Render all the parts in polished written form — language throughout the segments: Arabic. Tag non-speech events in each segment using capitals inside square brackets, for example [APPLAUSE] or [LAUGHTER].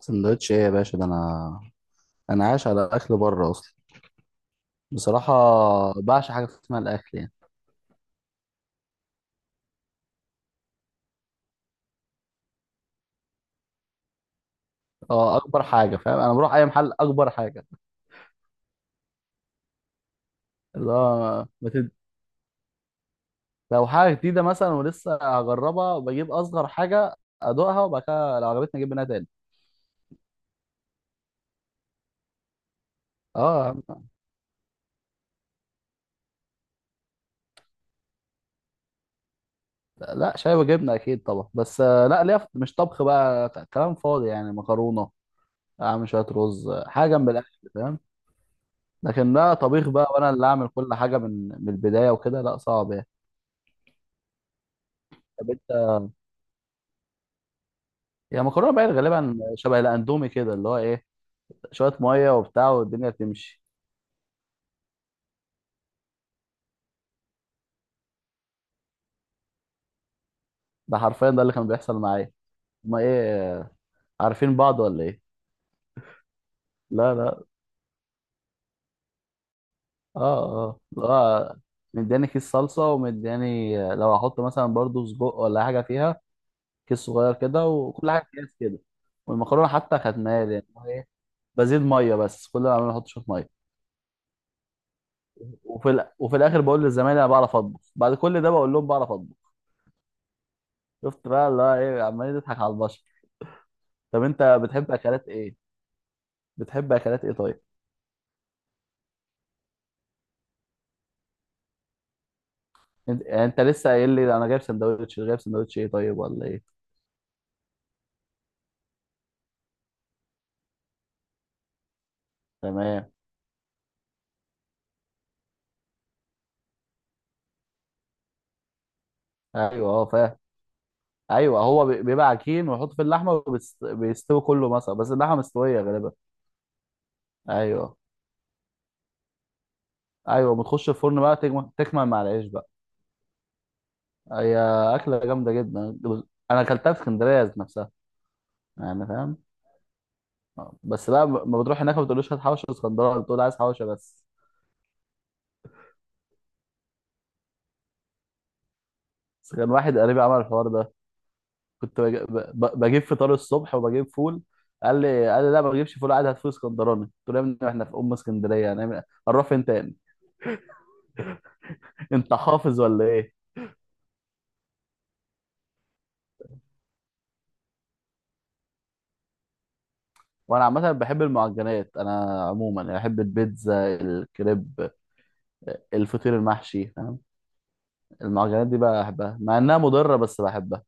سندوتش ايه يا باشا؟ ده انا عايش على اكل بره اصلا. بصراحه، بعشق حاجه اسمها الاكل يعني. اه، اكبر حاجه فاهم. انا بروح اي محل اكبر حاجه. اللي هو بتد... لو حاجه جديده مثلا ولسه هجربها بجيب اصغر حاجه، ادوقها وبعد كده لو عجبتني اجيب منها تاني. اه يا عم. لا، شاي وجبنه اكيد طبعا، بس آه، لا ليا مش طبخ بقى، كلام فاضي يعني، مكرونه اعمل شويه رز حاجه جنب الاكل فاهم. لكن لا، طبيخ بقى وانا اللي اعمل كل حاجه من البدايه وكده لا، صعب يعني. هي مكرونه بقى، غالبا شبه الاندومي كده اللي هو ايه، شويه ميه وبتاع والدنيا تمشي. ده حرفيا ده اللي كان بيحصل معايا. ما ايه؟ عارفين بعض ولا ايه؟ لا لا. اه اه، لا. مدياني كيس صلصه، ومدياني لو هحط مثلا برضو سجق ولا حاجه فيها كيس صغير كده، وكل حاجه اكياس كده. والمكرونه حتى كانت مالي يعني هو ايه، بزيد ميه بس، كل ما بعمله احط شويه ميه. وفي الاخر بقول للزمايل انا بعرف اطبخ، بعد كل ده بقول لهم بعرف اطبخ. شفت بقى اللي هو ايه، عمالين تضحك على البشر. طب انت بتحب اكلات ايه؟ بتحب اكلات ايه طيب؟ يعني انت لسه قايل لي انا جايب سندوتش، جايب سندوتش ايه طيب ولا ايه؟ تمام. ايوه، اه فاهم. ايوه، هو بيبقى عجين ويحط في اللحمه، بيستوي كله مثلا، بس اللحمه مستويه غالبا. ايوه. ايوه بتخش الفرن بقى، تكمل مع العيش بقى. هي اكله جامده جدا. انا اكلتها في اسكندريه ذات نفسها، يعني فاهم. اه. بس بقى ما بتروح هناك ما بتقولوش هات حوشه اسكندراني، بتقول عايز حوشه بس. بس كان واحد قريبي عمل الحوار ده. كنت بجيب فطار الصبح وبجيب فول. قال لي، قال لي لا ما بجيبش فول عادي، هات فول اسكندراني. قلت له يا ابني احنا في ام اسكندريه، هنعمل هنروح فين تاني؟ [LAUGHS] انت حافظ ولا ايه؟ وانا عامه بحب المعجنات، انا عموما يعني بحب البيتزا، الكريب، الفطير المحشي فاهم. المعجنات دي بقى بحبها مع انها مضره، بس بحبها.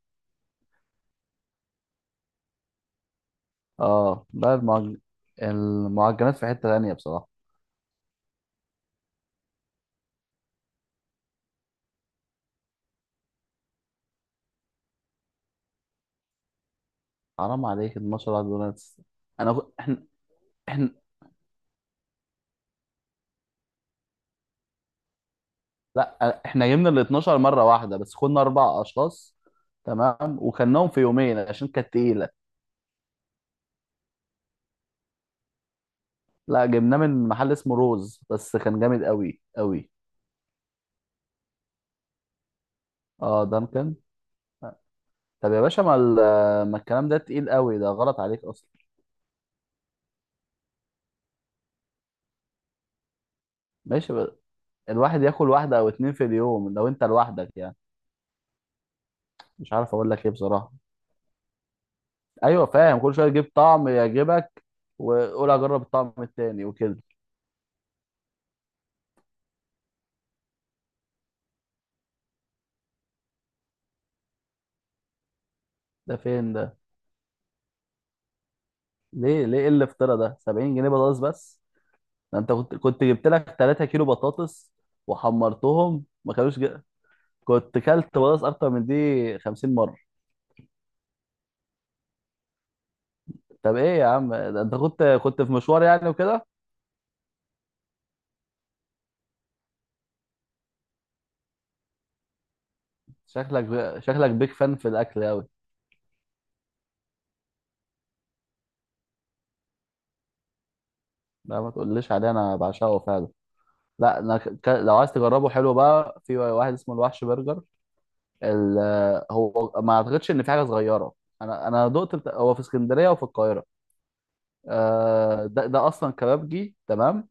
اه بقى المعج... المعجنات في حته تانيه بصراحه. حرام عليك، 12 على دوناتس. انا كو- احنا احنا لا آه، احنا جبنا ال 12 مره واحده، بس كنا اربع اشخاص تمام، وكلناهم في يومين عشان كانت تقيله. لا، جبناه من محل اسمه روز، بس كان جامد قوي قوي. اه، دانكن. طب يا باشا، ما الكلام ده تقيل قوي، ده غلط عليك اصلا. ماشي بقى. الواحد ياكل واحده او اتنين في اليوم لو انت لوحدك يعني. مش عارف اقول لك ايه بصراحه. ايوه فاهم، كل شويه تجيب طعم يعجبك وقول اجرب الطعم التاني وكده. ده فين ده؟ ليه، ليه ايه الافتراء ده، 70 جنيه بطاطس بس؟ ده انت كنت جبت لك 3 كيلو بطاطس وحمرتهم ما كنت كلت بطاطس اكتر من دي 50 مره. طب ايه يا عم، ده انت كنت في مشوار يعني وكده. شكلك بيك فان في الاكل قوي. لا ما تقوليش عليه، انا بعشقه فعلا. لا انا، لو عايز تجربه حلو، بقى في واحد اسمه الوحش برجر. ال... هو ما اعتقدش ان في حاجه صغيره. انا هو في اسكندريه وفي القاهره. آه، ده اصلا كبابجي تمام،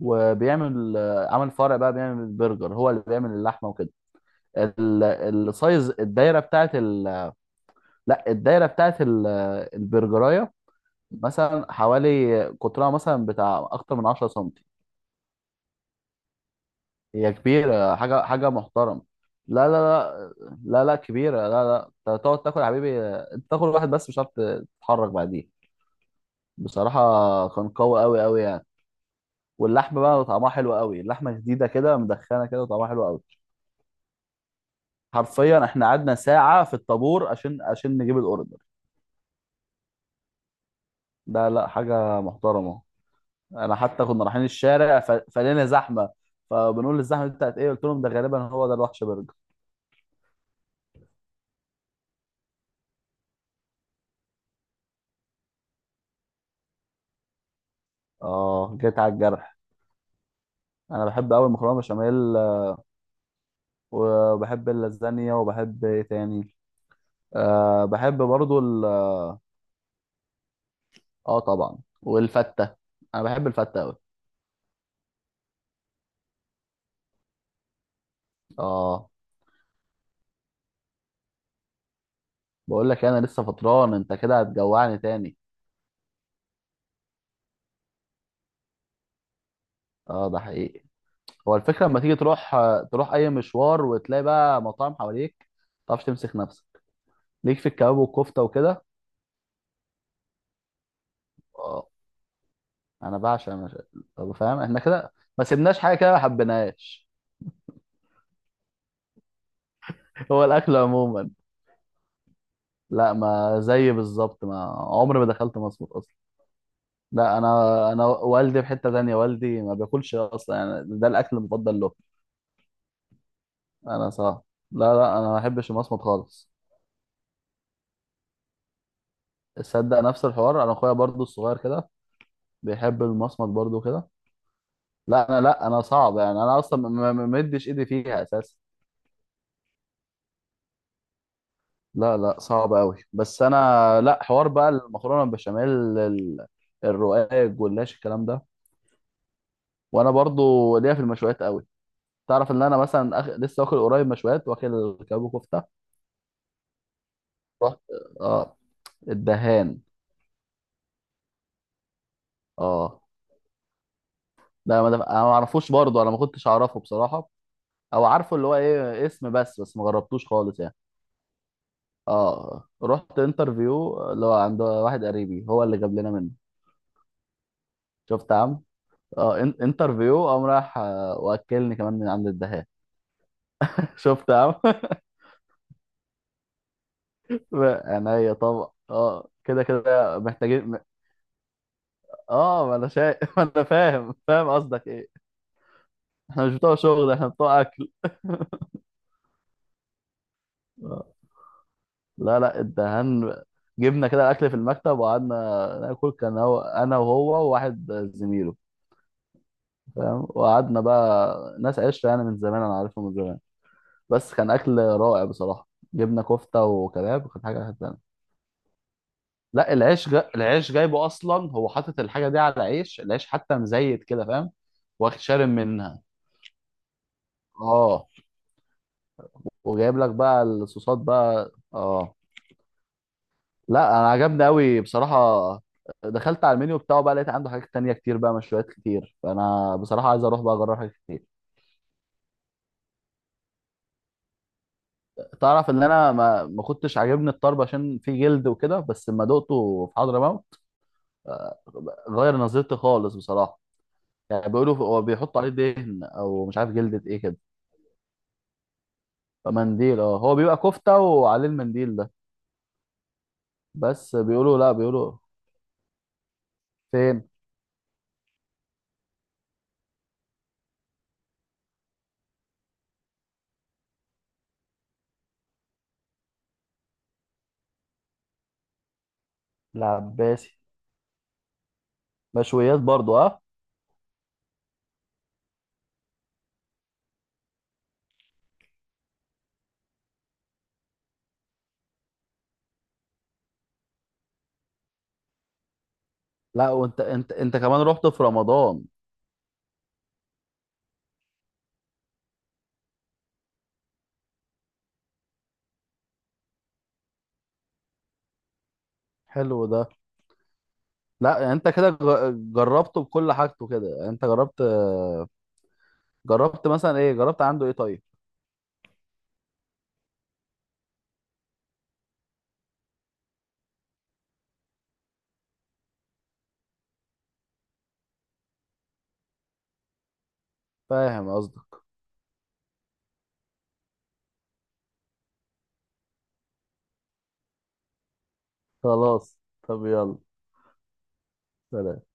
وبيعمل آه، عمل فرع بقى بيعمل برجر، هو اللي بيعمل اللحمه وكده. السايز، الدايره بتاعت لا، الدايره بتاعت البرجرايه، مثلا حوالي قطرها مثلا بتاع اكتر من 10 سم. هي كبيره، حاجه حاجه محترمه. لا لا لا لا لا، كبيره. لا لا، انت تقعد تاكل يا حبيبي، انت تاكل واحد بس مش عارف تتحرك بعديه بصراحه. كان قوي قوي قوي يعني. واللحمه بقى طعمها حلو قوي، اللحمه جديده كده، مدخنه كده وطعمها حلو قوي. حرفيا احنا قعدنا ساعة في الطابور عشان نجيب الاوردر. ده لا، حاجة محترمة. انا حتى كنا رايحين الشارع فلقينا زحمة، فبنقول الزحمة دي بتاعت ايه، قلت لهم ده غالبا هو ده الوحش برجر. اه، جيت على الجرح. انا بحب قوي المكرونة بشاميل آه، وبحب اللازانيا، وبحب ايه تاني، أه بحب برضو اه طبعا، والفتة. انا بحب الفتة قوي. اه بقول لك، انا لسه فطران، انت كده هتجوعني تاني. اه ده حقيقي. هو الفكرة لما تيجي تروح، تروح أي مشوار وتلاقي بقى مطاعم حواليك ما تعرفش تمسك نفسك. ليك في الكباب والكفتة وكده. آه، أنا بعشق مش... طب فاهم، إحنا كده ما سيبناش حاجة كده ما حبيناهاش. [LAUGHS] هو الأكل عموما. لا، ما زي بالظبط، ما عمري ما دخلت مصمت أصلا. لا أنا والدي في حتة تانية، والدي ما بياكلش أصلا يعني ده الأكل المفضل له. أنا صح. لا لا، أنا ما بحبش المصمت خالص. تصدق، نفس الحوار، أنا أخويا برضو الصغير كده بيحب المصمت برضو كده. لا انا، لا انا صعب يعني، انا اصلا ما مدش ايدي فيها اساسا. لا لا، صعب قوي، بس انا لا، حوار بقى المكرونه البشاميل، ال- الرقاق، الجلاش، الكلام ده. وانا برضو ليا في المشويات قوي. تعرف ان انا مثلا لسه واكل قريب مشويات، واكل كباب كفته. رحت، اه، الدهان. اه ده ما ده... انا ما اعرفوش، برضو انا ما كنتش اعرفه بصراحه. او عارفه اللي هو ايه، اسم بس، بس ما جربتوش خالص يعني. اه، رحت انترفيو اللي هو عند واحد قريبي، هو اللي جاب لنا منه. شفت يا عم. اه، انترفيو قام راح آه، واكلني كمان من عند الدهان. [LAUGHS] شفت يا عم [LAUGHS] عينيا طبعا، اه كده كده محتاجين. اه ما انا شايف [LAUGHS] ما انا فاهم، فاهم قصدك ايه. احنا مش بتوع شغل، احنا بتوع اكل [LAUGHS] آه. لا لا، الدهان. جبنا كده الاكل في المكتب وقعدنا ناكل، كان هو انا وهو وواحد زميله فاهم. وقعدنا بقى ناس 10 يعني، من زمان انا عارفهم من زمان. بس كان اكل رائع بصراحه. جبنا كفته وكباب، كانت حاجه. لا، العيش العيش جايبه اصلا، هو حاطط الحاجه دي على عيش، العيش حتى مزيت كده فاهم. واخد شارب منها اه. وجايب لك بقى الصوصات بقى اه. لا انا عجبني قوي بصراحه. دخلت على المنيو بتاعه بقى، لقيت عنده حاجات تانية كتير بقى، مشويات كتير، فانا بصراحه عايز اروح بقى اجرب حاجات كتير. تعرف ان انا ما كنتش عاجبني الطرب عشان فيه جلد وكده، بس لما دقته في حضرموت آه، غير نظرتي خالص بصراحه. يعني بيقولوا هو بيحطوا عليه دهن او مش عارف جلدة ايه كده. منديل، اه، هو بيبقى كفتة وعليه المنديل ده. بس بيقولوا لا بيقولوا. فين؟ العباسي. مشويات برضو اه. لا، وانت انت كمان رحت في رمضان؟ حلو ده. لا، يعني انت كده جربته بكل حاجته كده يعني. انت جربت، جربت مثلا ايه، جربت عنده ايه طيب؟ فاهم قصدك. خلاص، طب يلا. سلام.